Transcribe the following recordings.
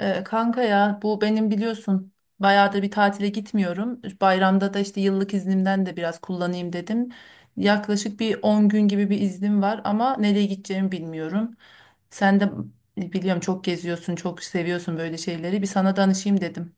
Kanka ya, bu benim, biliyorsun bayağıdır bir tatile gitmiyorum. Bayramda da işte yıllık iznimden de biraz kullanayım dedim. Yaklaşık bir 10 gün gibi bir iznim var ama nereye gideceğimi bilmiyorum. Sen de biliyorum çok geziyorsun, çok seviyorsun böyle şeyleri. Bir sana danışayım dedim.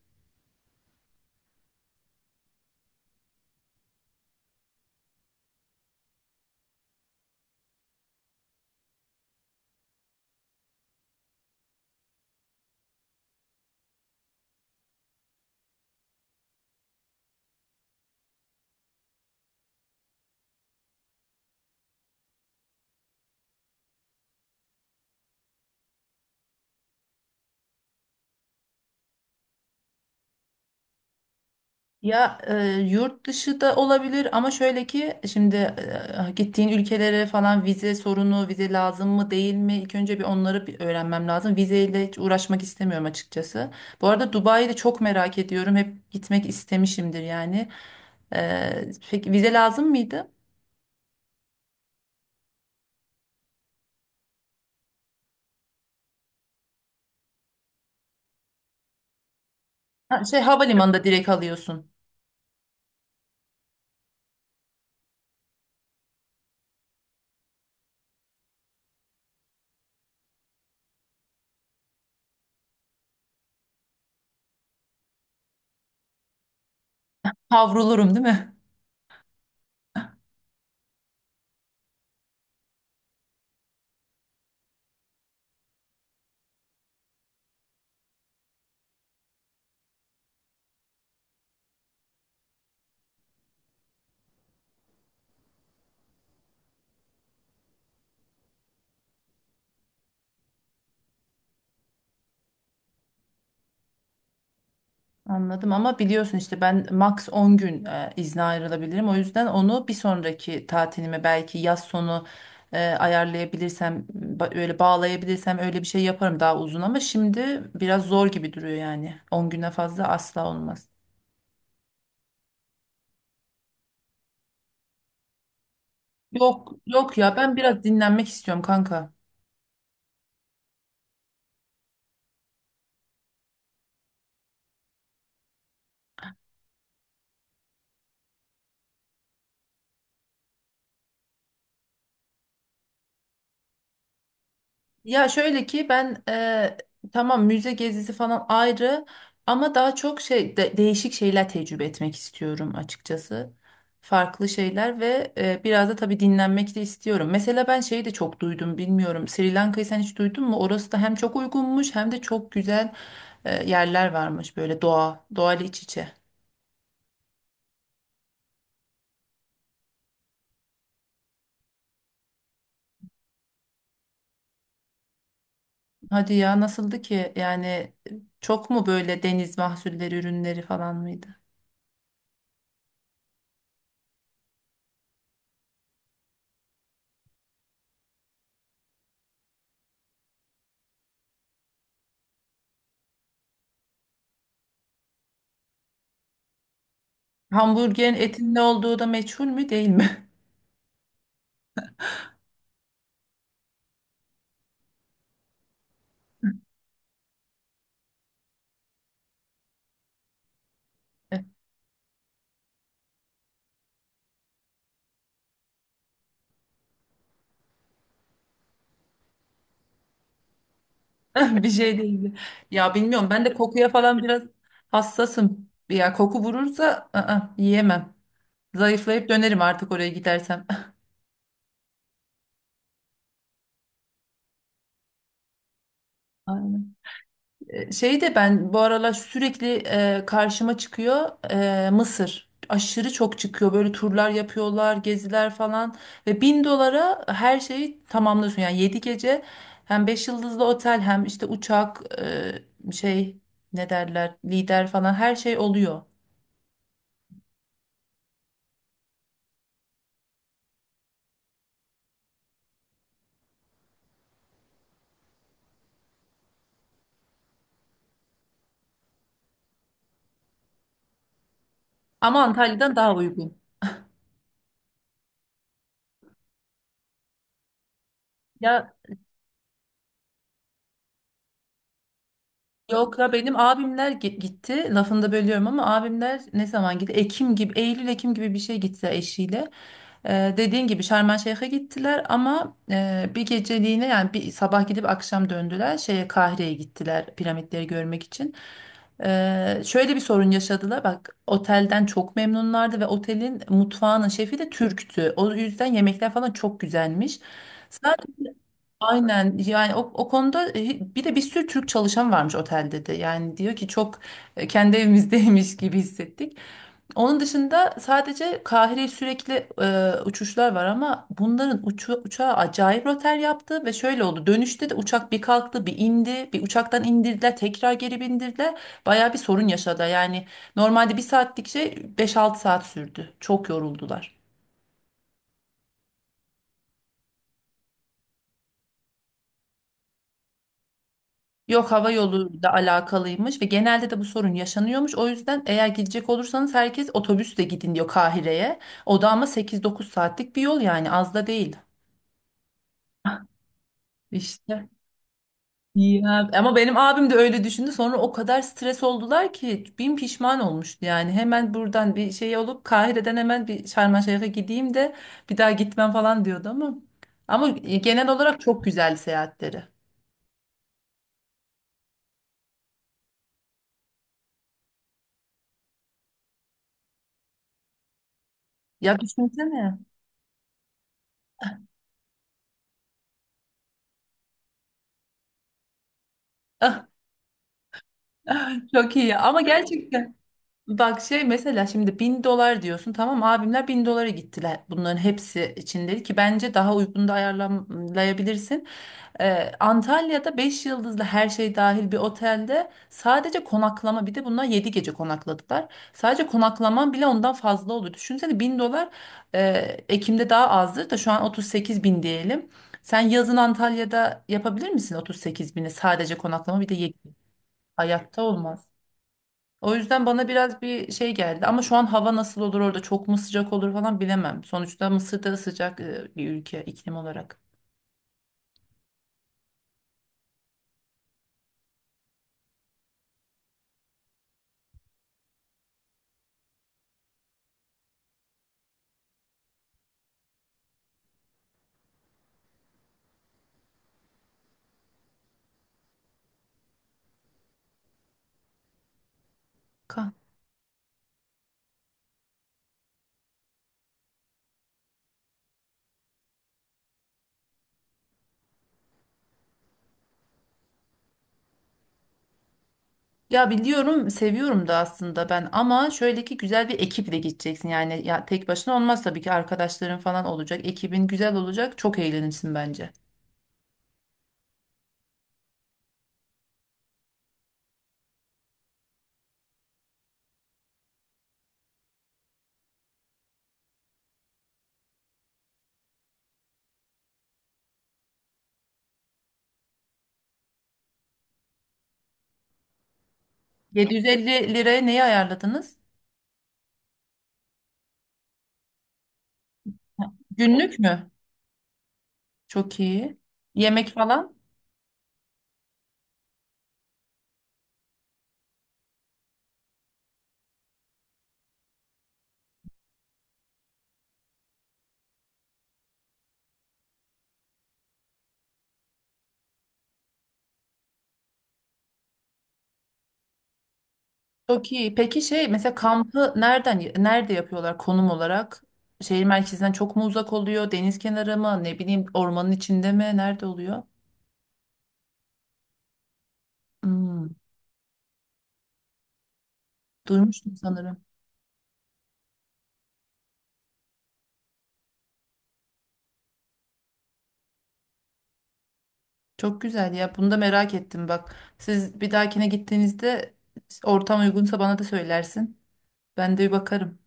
Ya yurt dışı da olabilir ama şöyle ki şimdi gittiğin ülkelere falan vize sorunu, vize lazım mı değil mi? İlk önce bir onları bir öğrenmem lazım. Vizeyle hiç uğraşmak istemiyorum açıkçası. Bu arada Dubai'yi de çok merak ediyorum. Hep gitmek istemişimdir yani. Peki vize lazım mıydı? Ha, havalimanında direkt alıyorsun. Kavrulurum değil mi? Anladım ama biliyorsun işte ben max 10 gün izne ayrılabilirim. O yüzden onu bir sonraki tatilime belki yaz sonu ayarlayabilirsem, öyle bağlayabilirsem öyle bir şey yaparım, daha uzun, ama şimdi biraz zor gibi duruyor yani. 10 güne fazla asla olmaz. Yok yok, ya ben biraz dinlenmek istiyorum kanka. Ya şöyle ki ben tamam, müze gezisi falan ayrı, ama daha çok değişik şeyler tecrübe etmek istiyorum açıkçası. Farklı şeyler, ve biraz da tabii dinlenmek de istiyorum. Mesela ben şeyi de çok duydum, bilmiyorum. Sri Lanka'yı sen hiç duydun mu? Orası da hem çok uygunmuş hem de çok güzel yerler varmış, böyle doğa, doğal iç içe. Hadi ya, nasıldı ki? Yani çok mu böyle deniz mahsulleri ürünleri falan mıydı? Hamburgerin etin ne olduğu da meçhul mü değil mi? Bir şey değildi. Ya bilmiyorum, ben de kokuya falan biraz hassasım. Ya koku vurursa ı-ı, yiyemem. Zayıflayıp dönerim artık oraya gidersem. Aynen. Şey de ben bu aralar sürekli karşıma çıkıyor, Mısır. Aşırı çok çıkıyor. Böyle turlar yapıyorlar, geziler falan. Ve 1.000 dolara her şeyi tamamlıyorsun. Yani 7 gece hem 5 yıldızlı otel hem işte uçak, e, şey ne derler, lider falan, her şey oluyor. Ama Antalya'dan daha uygun. Ya yok la, benim abimler gitti. Lafını da bölüyorum ama, abimler ne zaman gitti? Ekim gibi, Eylül Ekim gibi bir şey gitti eşiyle. Dediğin gibi Şarm Şeyh'e gittiler ama bir geceliğine, yani bir sabah gidip akşam döndüler. Şeye, Kahire'ye gittiler piramitleri görmek için. Şöyle bir sorun yaşadılar. Bak, otelden çok memnunlardı ve otelin mutfağının şefi de Türktü. O yüzden yemekler falan çok güzelmiş. Aynen, yani o konuda, bir de bir sürü Türk çalışan varmış otelde, de yani diyor ki çok kendi evimizdeymiş gibi hissettik. Onun dışında sadece Kahire'ye sürekli uçuşlar var, ama bunların uçağı acayip rötar yaptı ve şöyle oldu: dönüşte de uçak bir kalktı bir indi, bir uçaktan indirdiler tekrar geri bindirdiler, baya bir sorun yaşadı yani. Normalde bir saatlik şey 5-6 saat sürdü, çok yoruldular. Yok, hava yoluyla alakalıymış ve genelde de bu sorun yaşanıyormuş. O yüzden eğer gidecek olursanız herkes otobüsle gidin diyor Kahire'ye. O da ama 8-9 saatlik bir yol, yani az da değil. İşte. Ya. Ama benim abim de öyle düşündü. Sonra o kadar stres oldular ki bin pişman olmuştu yani. Hemen buradan bir şey olup Kahire'den hemen bir Şarm El Şeyh'e gideyim de bir daha gitmem falan diyordu ama. Ama genel olarak çok güzel seyahatleri. Ya düşünsene. Ah, çok iyi ama gerçekten. Bak, mesela şimdi 1.000 dolar diyorsun, tamam abimler 1.000 dolara gittiler, bunların hepsi için dedi ki bence daha uygun da ayarlayabilirsin. Antalya'da 5 yıldızlı her şey dahil bir otelde sadece konaklama, bir de bunlar 7 gece konakladılar. Sadece konaklaman bile ondan fazla olur. Düşünsene, 1.000 dolar, e, Ekim'de daha azdır da şu an 38 bin diyelim. Sen yazın Antalya'da yapabilir misin 38 bini sadece konaklama, bir de yedi... Hayatta olmaz. O yüzden bana biraz bir şey geldi ama şu an hava nasıl olur orada, çok mu sıcak olur falan bilemem. Sonuçta Mısır da sıcak bir ülke iklim olarak. Ka- Ya biliyorum, seviyorum da aslında ben, ama şöyle ki güzel bir ekiple gideceksin yani, ya tek başına olmaz tabii ki, arkadaşların falan olacak, ekibin güzel olacak, çok eğlenirsin bence. 750 liraya neyi ayarladınız? Günlük mü? Çok iyi. Yemek falan? Çok iyi. Peki, mesela kampı nerede yapıyorlar konum olarak? Şehir merkezinden çok mu uzak oluyor? Deniz kenarı mı? Ne bileyim, ormanın içinde mi? Nerede oluyor? Hmm, duymuştum sanırım. Çok güzel ya. Bunu da merak ettim bak. Siz bir dahakine gittiğinizde, ortam uygunsa bana da söylersin. Ben de bir bakarım.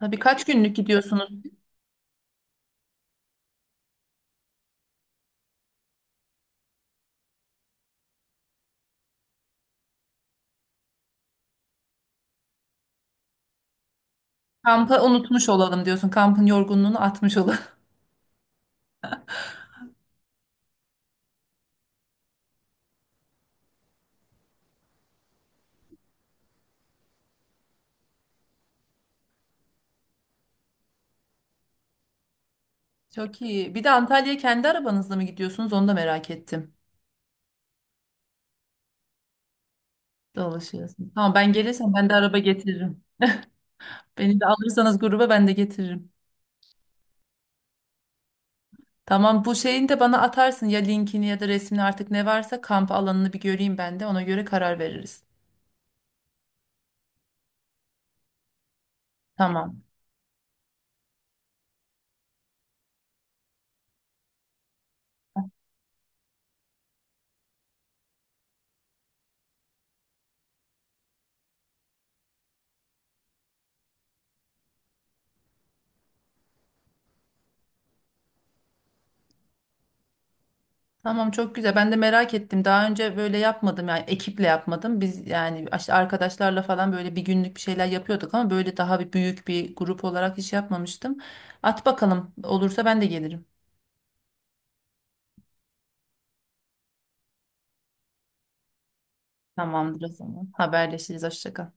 Tabii, kaç günlük gidiyorsunuz? Kampı unutmuş olalım diyorsun. Kampın yorgunluğunu atmış olalım. Çok iyi. Bir de Antalya'ya kendi arabanızla mı gidiyorsunuz? Onu da merak ettim. Dolaşıyorsun. Tamam, ben gelirsem ben de araba getiririm. Beni de alırsanız gruba, ben de getiririm. Tamam, bu şeyin de bana atarsın, ya linkini ya da resmini, artık ne varsa kamp alanını bir göreyim, ben de ona göre karar veririz. Tamam. Tamam, çok güzel. Ben de merak ettim. Daha önce böyle yapmadım, yani ekiple yapmadım. Biz yani işte arkadaşlarla falan böyle bir günlük bir şeyler yapıyorduk, ama böyle daha bir büyük bir grup olarak hiç yapmamıştım. At bakalım. Olursa ben de gelirim. Tamamdır o zaman. Haberleşiriz. Hoşça kal.